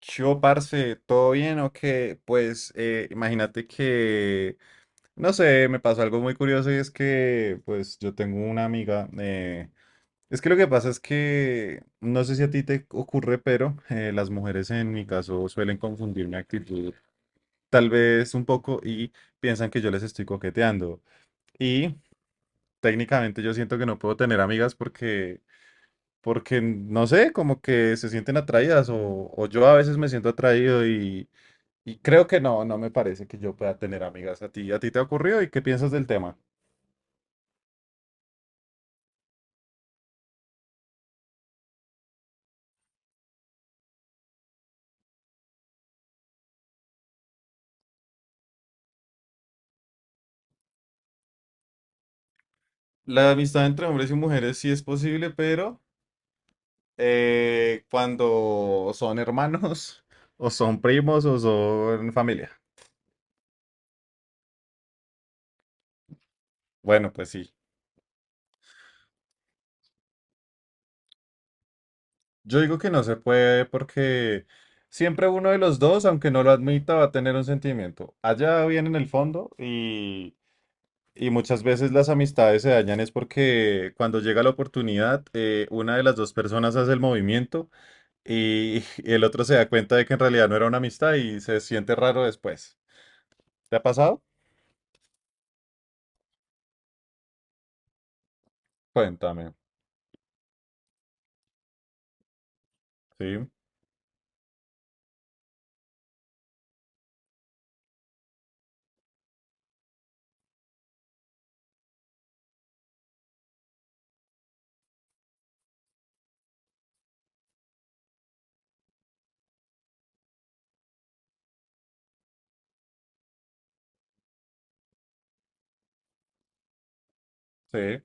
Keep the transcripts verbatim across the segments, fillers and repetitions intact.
Yo, parce, ¿todo bien o qué? Pues eh, imagínate que, no sé, me pasó algo muy curioso y es que, pues yo tengo una amiga, eh, es que lo que pasa es que, no sé si a ti te ocurre, pero eh, las mujeres en mi caso suelen confundir mi actitud tal vez un poco y piensan que yo les estoy coqueteando. Y técnicamente yo siento que no puedo tener amigas porque... Porque, no sé, como que se sienten atraídas o, o yo a veces me siento atraído y, y creo que no, no me parece que yo pueda tener amigas a ti. ¿A ti te ha ocurrido y qué piensas del tema? La amistad entre hombres y mujeres sí es posible, pero eh, cuando son hermanos o son primos o son familia. Bueno, pues sí. Yo digo que no se puede porque siempre uno de los dos, aunque no lo admita, va a tener un sentimiento. Allá bien en el fondo y, y muchas veces las amistades se dañan es porque cuando llega la oportunidad, eh, una de las dos personas hace el movimiento y el otro se da cuenta de que en realidad no era una amistad y se siente raro después. ¿Te ha pasado? Cuéntame. Sí, sí.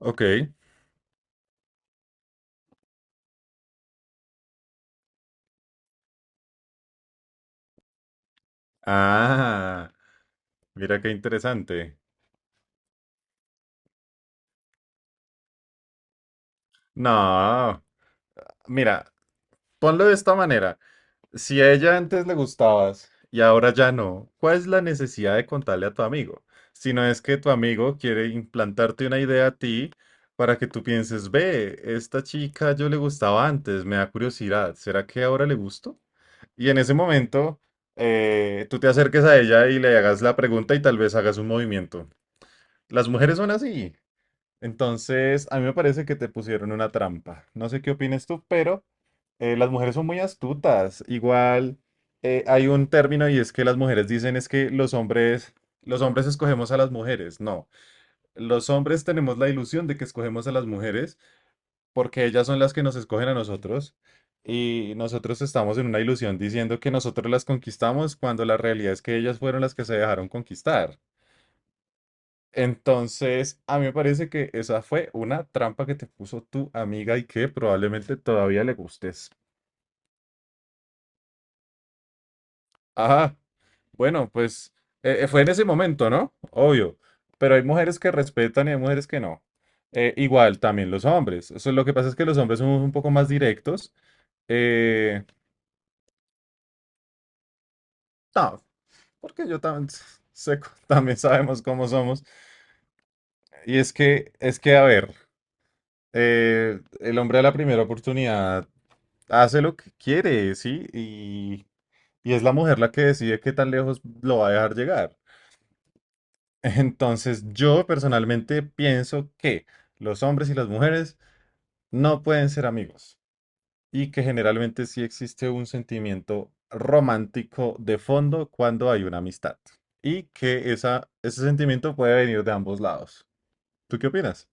Ok. Ah, mira qué interesante. No, mira, ponlo de esta manera. Si a ella antes le gustabas y ahora ya no, ¿cuál es la necesidad de contarle a tu amigo? Si no es que tu amigo quiere implantarte una idea a ti para que tú pienses, ve, esta chica yo le gustaba antes, me da curiosidad, ¿será que ahora le gusto? Y en ese momento, eh, tú te acerques a ella y le hagas la pregunta y tal vez hagas un movimiento. Las mujeres son así. Entonces, a mí me parece que te pusieron una trampa. No sé qué opines tú, pero eh, las mujeres son muy astutas. Igual, eh, hay un término y es que las mujeres dicen es que los hombres, los hombres escogemos a las mujeres. No, los hombres tenemos la ilusión de que escogemos a las mujeres porque ellas son las que nos escogen a nosotros y nosotros estamos en una ilusión diciendo que nosotros las conquistamos cuando la realidad es que ellas fueron las que se dejaron conquistar. Entonces, a mí me parece que esa fue una trampa que te puso tu amiga y que probablemente todavía le gustes. Ajá, bueno, pues eh, eh, fue en ese momento, ¿no? Obvio, pero hay mujeres que respetan y hay mujeres que no. Eh, igual, también los hombres. Eso, lo que pasa es que los hombres somos un poco más directos. Eh, no, porque yo también sé, también sabemos cómo somos. Y es que, es que, a ver, eh, el hombre a la primera oportunidad hace lo que quiere, ¿sí? Y, y es la mujer la que decide qué tan lejos lo va a dejar llegar. Entonces, yo personalmente pienso que los hombres y las mujeres no pueden ser amigos y que generalmente sí existe un sentimiento romántico de fondo cuando hay una amistad y que esa, ese sentimiento puede venir de ambos lados. ¿Tú qué opinas?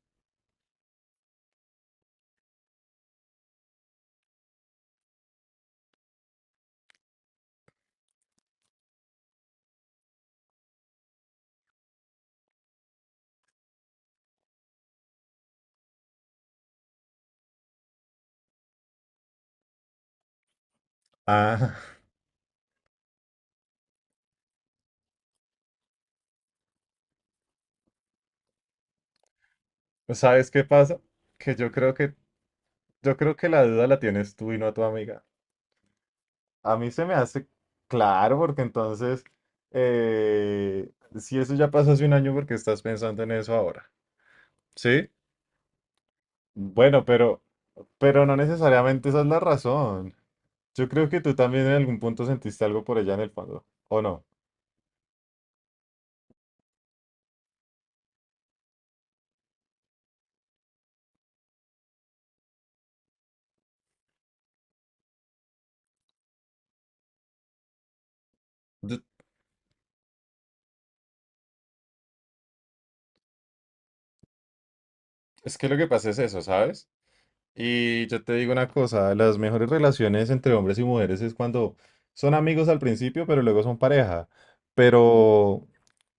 Ah, ¿sabes qué pasa? Que yo creo que yo creo que la duda la tienes tú y no tu amiga. A mí se me hace claro porque entonces eh, si eso ya pasó hace un año, ¿porque estás pensando en eso ahora? ¿Sí? Bueno, pero pero no necesariamente esa es la razón. Yo creo que tú también en algún punto sentiste algo por ella en el fondo, ¿o no? Yo- Es que lo que pasa es eso, ¿sabes? Y yo te digo una cosa, las mejores relaciones entre hombres y mujeres es cuando son amigos al principio, pero luego son pareja. Pero,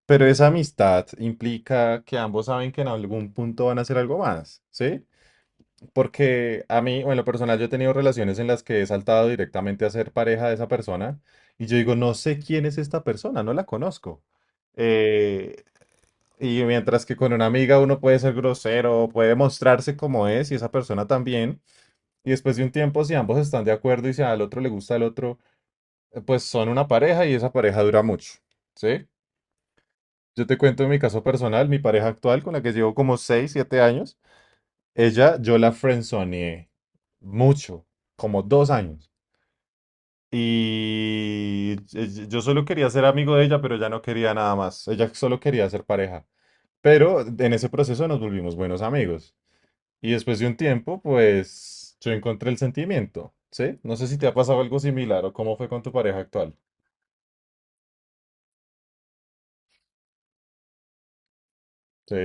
pero esa amistad implica que ambos saben que en algún punto van a hacer algo más, ¿sí? Porque a mí, o en lo personal, yo he tenido relaciones en las que he saltado directamente a ser pareja de esa persona y yo digo, no sé quién es esta persona, no la conozco. Eh, y mientras que con una amiga uno puede ser grosero, puede mostrarse como es y esa persona también. Y después de un tiempo, si ambos están de acuerdo y si al otro le gusta el otro, eh, pues son una pareja y esa pareja dura mucho, ¿sí? Yo te cuento mi caso personal, mi pareja actual con la que llevo como seis siete años, ella yo la friendzoneé mucho, como dos años. Y eh, yo solo quería ser amigo de ella, pero ya no quería nada más. Ella solo quería ser pareja. Pero en ese proceso nos volvimos buenos amigos. Y después de un tiempo, pues yo encontré el sentimiento, ¿sí? No sé si te ha pasado algo similar o cómo fue con tu pareja actual, ¿sí?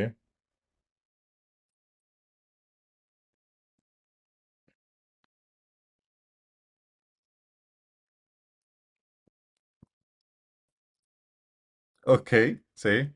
Ok, sí.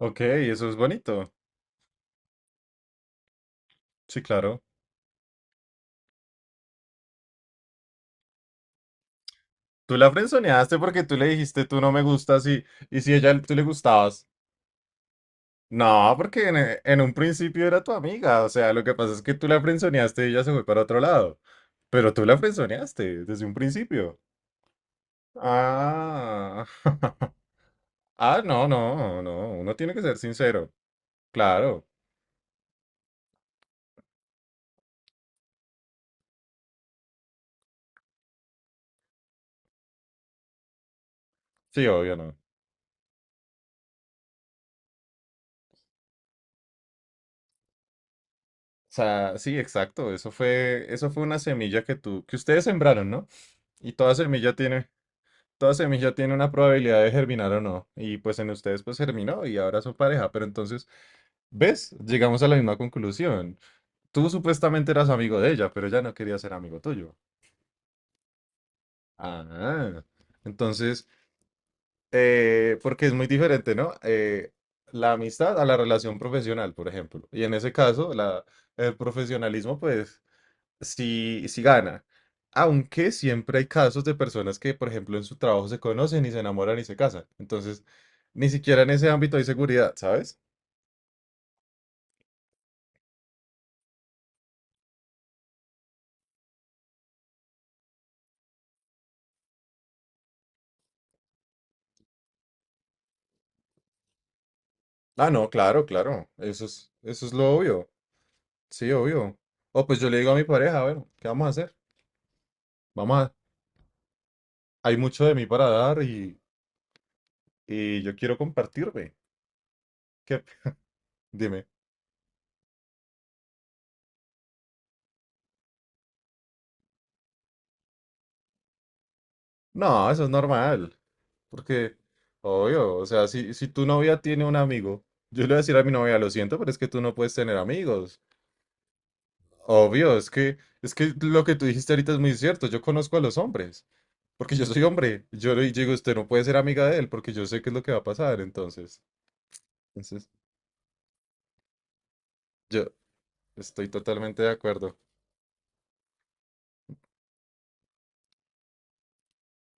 Ok, eso es bonito. Sí, claro. Tú la frenzoneaste porque tú le dijiste tú no me gustas y, y si ella tú le gustabas. No, porque en, e- en un principio era tu amiga. O sea, lo que pasa es que tú la frenzoneaste y ella se fue para otro lado. Pero tú la frenzoneaste desde un principio. Ah. Ah, no, no, no. Uno tiene que ser sincero. Claro. Sí, obvio, no. O sea, sí, exacto. Eso fue, eso fue una semilla que tú, que ustedes sembraron, ¿no? Y toda semilla tiene, toda semilla tiene una probabilidad de germinar o no. Y pues en ustedes pues germinó y ahora son pareja. Pero entonces, ¿ves? Llegamos a la misma conclusión. Tú supuestamente eras amigo de ella, pero ella no quería ser amigo tuyo. Ah, entonces, eh, porque es muy diferente, ¿no? Eh, la amistad a la relación profesional, por ejemplo. Y en ese caso, la, el profesionalismo, pues si, si gana. Aunque siempre hay casos de personas que, por ejemplo, en su trabajo se conocen y se enamoran y se casan. Entonces, ni siquiera en ese ámbito hay seguridad, ¿sabes? Ah, no, claro, claro. Eso es, eso es lo obvio. Sí, obvio. O pues yo le digo a mi pareja, bueno, ¿qué vamos a hacer? Vamos a... Hay mucho de mí para dar y, y yo quiero compartirme. ¿Qué? Dime. No, eso es normal. Porque, obvio, o sea, si, si tu novia tiene un amigo, yo le voy a decir a mi novia, lo siento, pero es que tú no puedes tener amigos. Obvio, es que, es que lo que tú dijiste ahorita es muy cierto. Yo conozco a los hombres, porque yo soy hombre. Yo le digo, usted no puede ser amiga de él, porque yo sé qué es lo que va a pasar. Entonces, entonces, yo estoy totalmente de acuerdo.